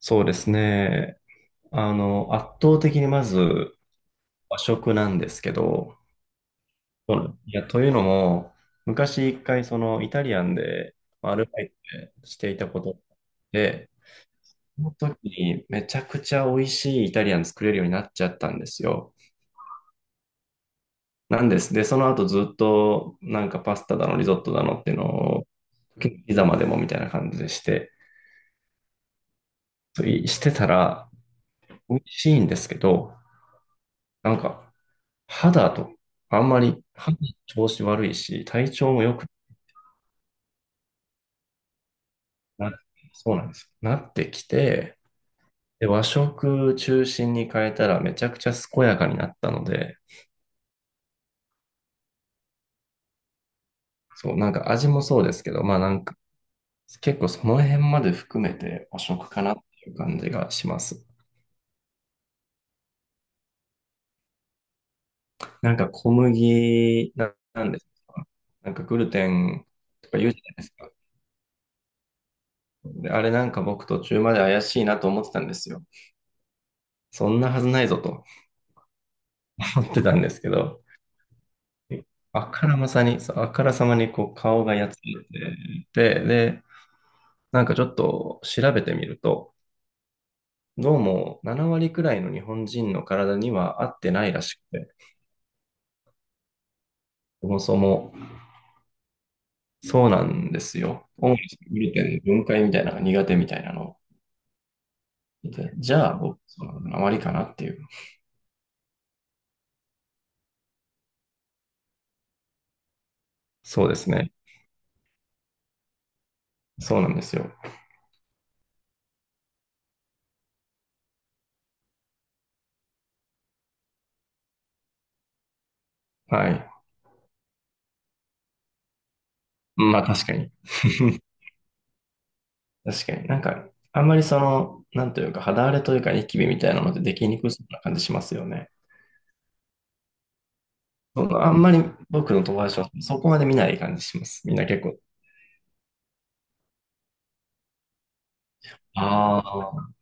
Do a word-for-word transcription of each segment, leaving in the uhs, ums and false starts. そうですね。あの、圧倒的にまず和食なんですけど、そうなんいや、というのも、昔一回そのイタリアンでまあアルバイトしていたことで、その時にめちゃくちゃ美味しいイタリアン作れるようになっちゃったんですよ。なんです。で、その後ずっとなんかパスタだの、リゾットだのっていうのを、時々ピザまでもみたいな感じでして、そういしてたら美味しいんですけど、なんか肌と、あんまり肌の調子悪いし、体調も良くな、そうなんですよ。なってきて、で、和食中心に変えたらめちゃくちゃ健やかになったので、そう、なんか味もそうですけど、まあなんか結構その辺まで含めて和食かなっていう感じがします。なんか小麦な、なんですかなんかグルテンとか言うじゃないですか。で、あれなんか僕途中まで怪しいなと思ってたんですよ。そんなはずないぞと思ってたんですけど、あからまさに、そうあからさまにこう顔がやつれてて、で、なんかちょっと調べてみると、どうもなな割くらいの日本人の体には合ってないらしくて、そもそもそうなんですよ。オムライスグルテンの分解みたいなのが苦手みたいなのを見て。じゃあ、僕、そのなな割かなっていう。そうですね。そうなんですよ。はい。まあ確かに。確かに。なんか、あんまりその、なんというか、肌荒れというか、ニキビみたいなのってできにくそうな感じしますよね。あんまり僕の友達はそこまで見ない感じします。みんな結構。ああ、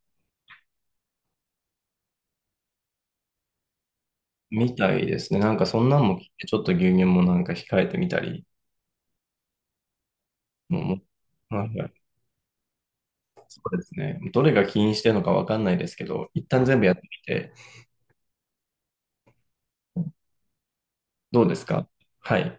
みたいですね。なんかそんなんも聞いて、ちょっと牛乳もなんか控えてみたり、もう、もうはいはいそうですね。どれが起因してるのかわかんないですけど、一旦全部やってみて、どうですか？はい。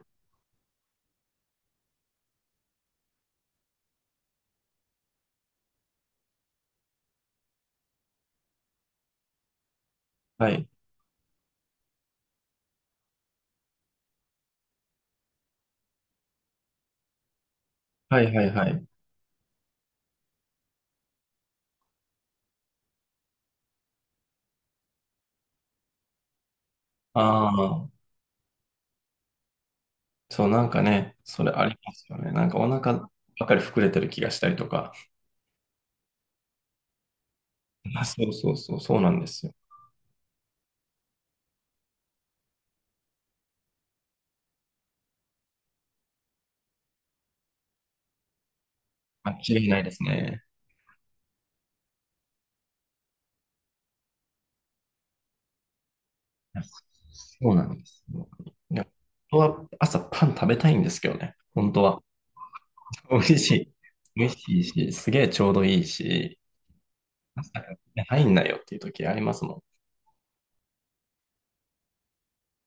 はい。はい、はい、はい。ああ、そう、なんかね、それありますよね。なんかお腹ばっかり膨れてる気がしたりとか。あ、そうそうそう、そうなんですよ。間違いないですね。そうなんです。もういや本当は朝パン食べたいんですけどね。本当は。美味しい。美味しいし、すげえちょうどいいし、朝からね入んないよっていう時ありますもん。い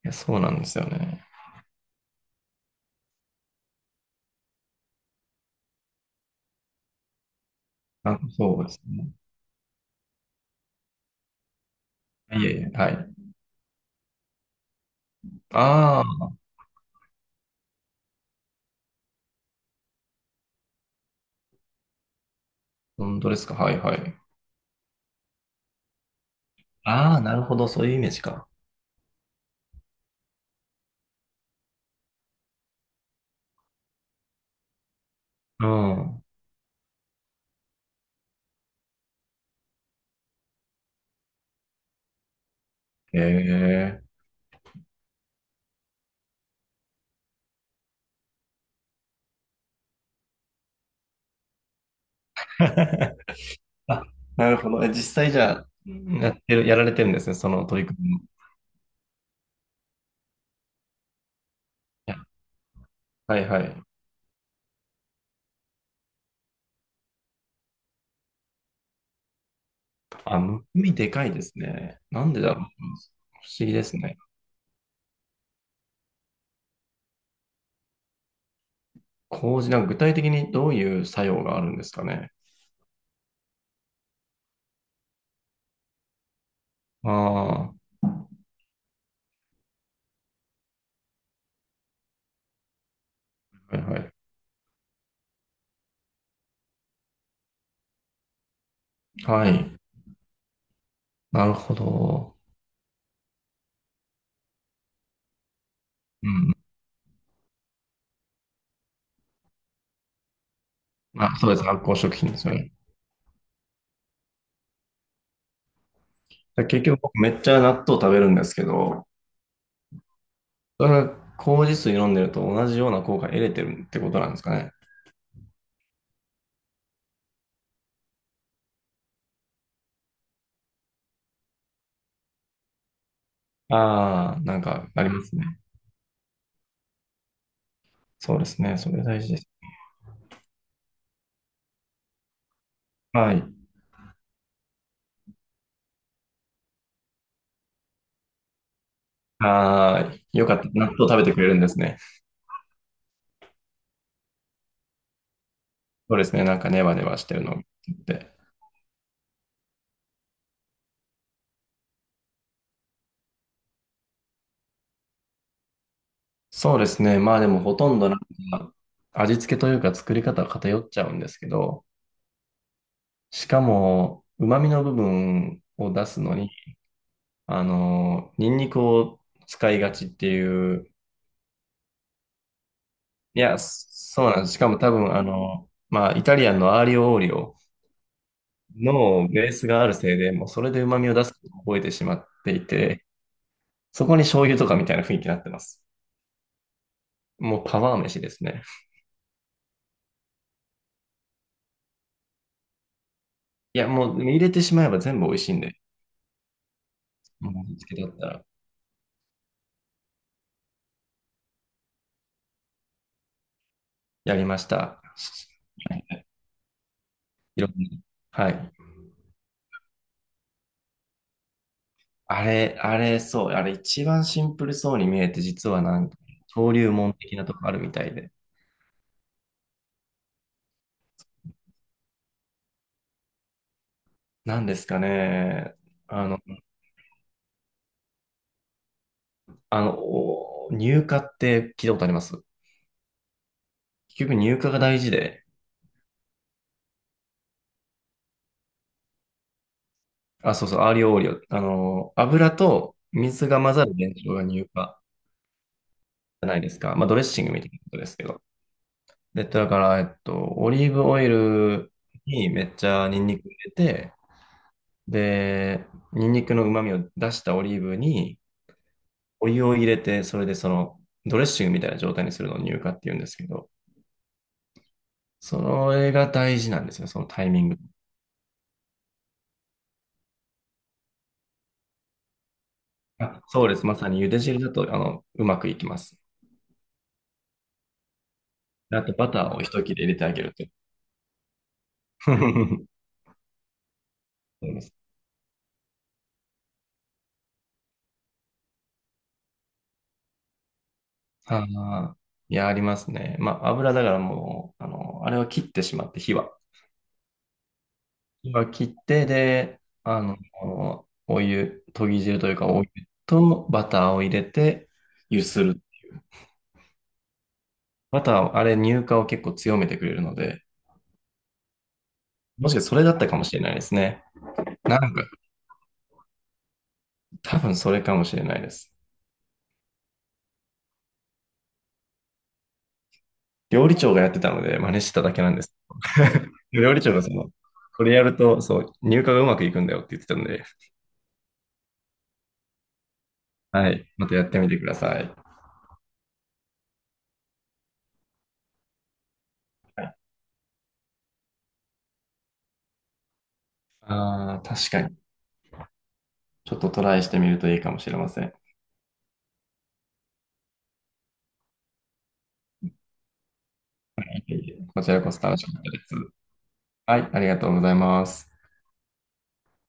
や、そうなんですよね。あ、そうですね。いえいえ、はい。ああ、本当ですか。はいはい。ああ、なるほど。そういうイメージか。うん。へえ。あ、なるほど。え実際じゃあ、やってる、やられてるんですね。その取り組みも。いやはいはい。あ、むくみでかいですね。なんでだろう。不思議ですね。麹、なんか具体的にどういう作用があるんですかね？ああ、はいはい。はい。なるほど。うん。あ、そうです。発酵食品ですよね。で結局僕めっちゃ納豆食べるんですけど、それは麹水飲んでると同じような効果得れてるってことなんですかね？ああ、なんかありますね。そうですね。それ大事です。はい。ああ、よかった。納豆食べてくれるんですね。そうですね。なんかネバネバしてるのを見て。そうですね。まあでもほとんどなんか味付けというか作り方は偏っちゃうんですけど、しかも旨味の部分を出すのに、あの、ニンニクを使いがちっていう、いや、そうなんです。しかも多分あの、まあイタリアンのアーリオオーリオのベースがあるせいで、もうそれで旨味を出すことを覚えてしまっていて、そこに醤油とかみたいな雰囲気になってます。もうパワー飯ですね。いや、もう入れてしまえば全部美味しいんで、もう味付けだったら。やりました。いろんな。はい。あれ、あれ、そう。あれ一番シンプルそうに見えて、実はなんか、登竜門的なとこあるみたいで。なんですかね。あの、あの、お入荷って聞いたことあります？結局入荷が大事で、あ、そうそう、アーリオオーリオ。あの、油と水が混ざる現象が入荷じゃないですか。まあ、ドレッシングみたいなことですけど。で、だから、えっと、オリーブオイルにめっちゃニンニク入れて、で、ニンニクの旨味を出したオリーブにお湯を入れて、それでそのドレッシングみたいな状態にするのを乳化って言うんですけど、それが大事なんですよ、そのタイミング。あ、そうです。まさに茹で汁だと、あの、うまくいきます。あとバターを一切れ入れてあげると。そうです。ああ、いや、ありますね。まあ、油だからもう、あの、あれは切ってしまって、火は。今切って、で、あの、お湯、とぎ汁というか、お湯とバターを入れて、揺する。バターを、あれ、乳化を結構強めてくれるので、もしかしてそれだったかもしれないですね。なんか、多分それかもしれないです。料理長がやってたので、真似してただけなんです。料理長がその、これやると、そう、乳化がうまくいくんだよって言ってたんで、はい、またやってみてください。ああ、確かに。ちょっとトライしてみるといいかもしれません。こちらこそ楽しかったです。はい、ありがとうございます。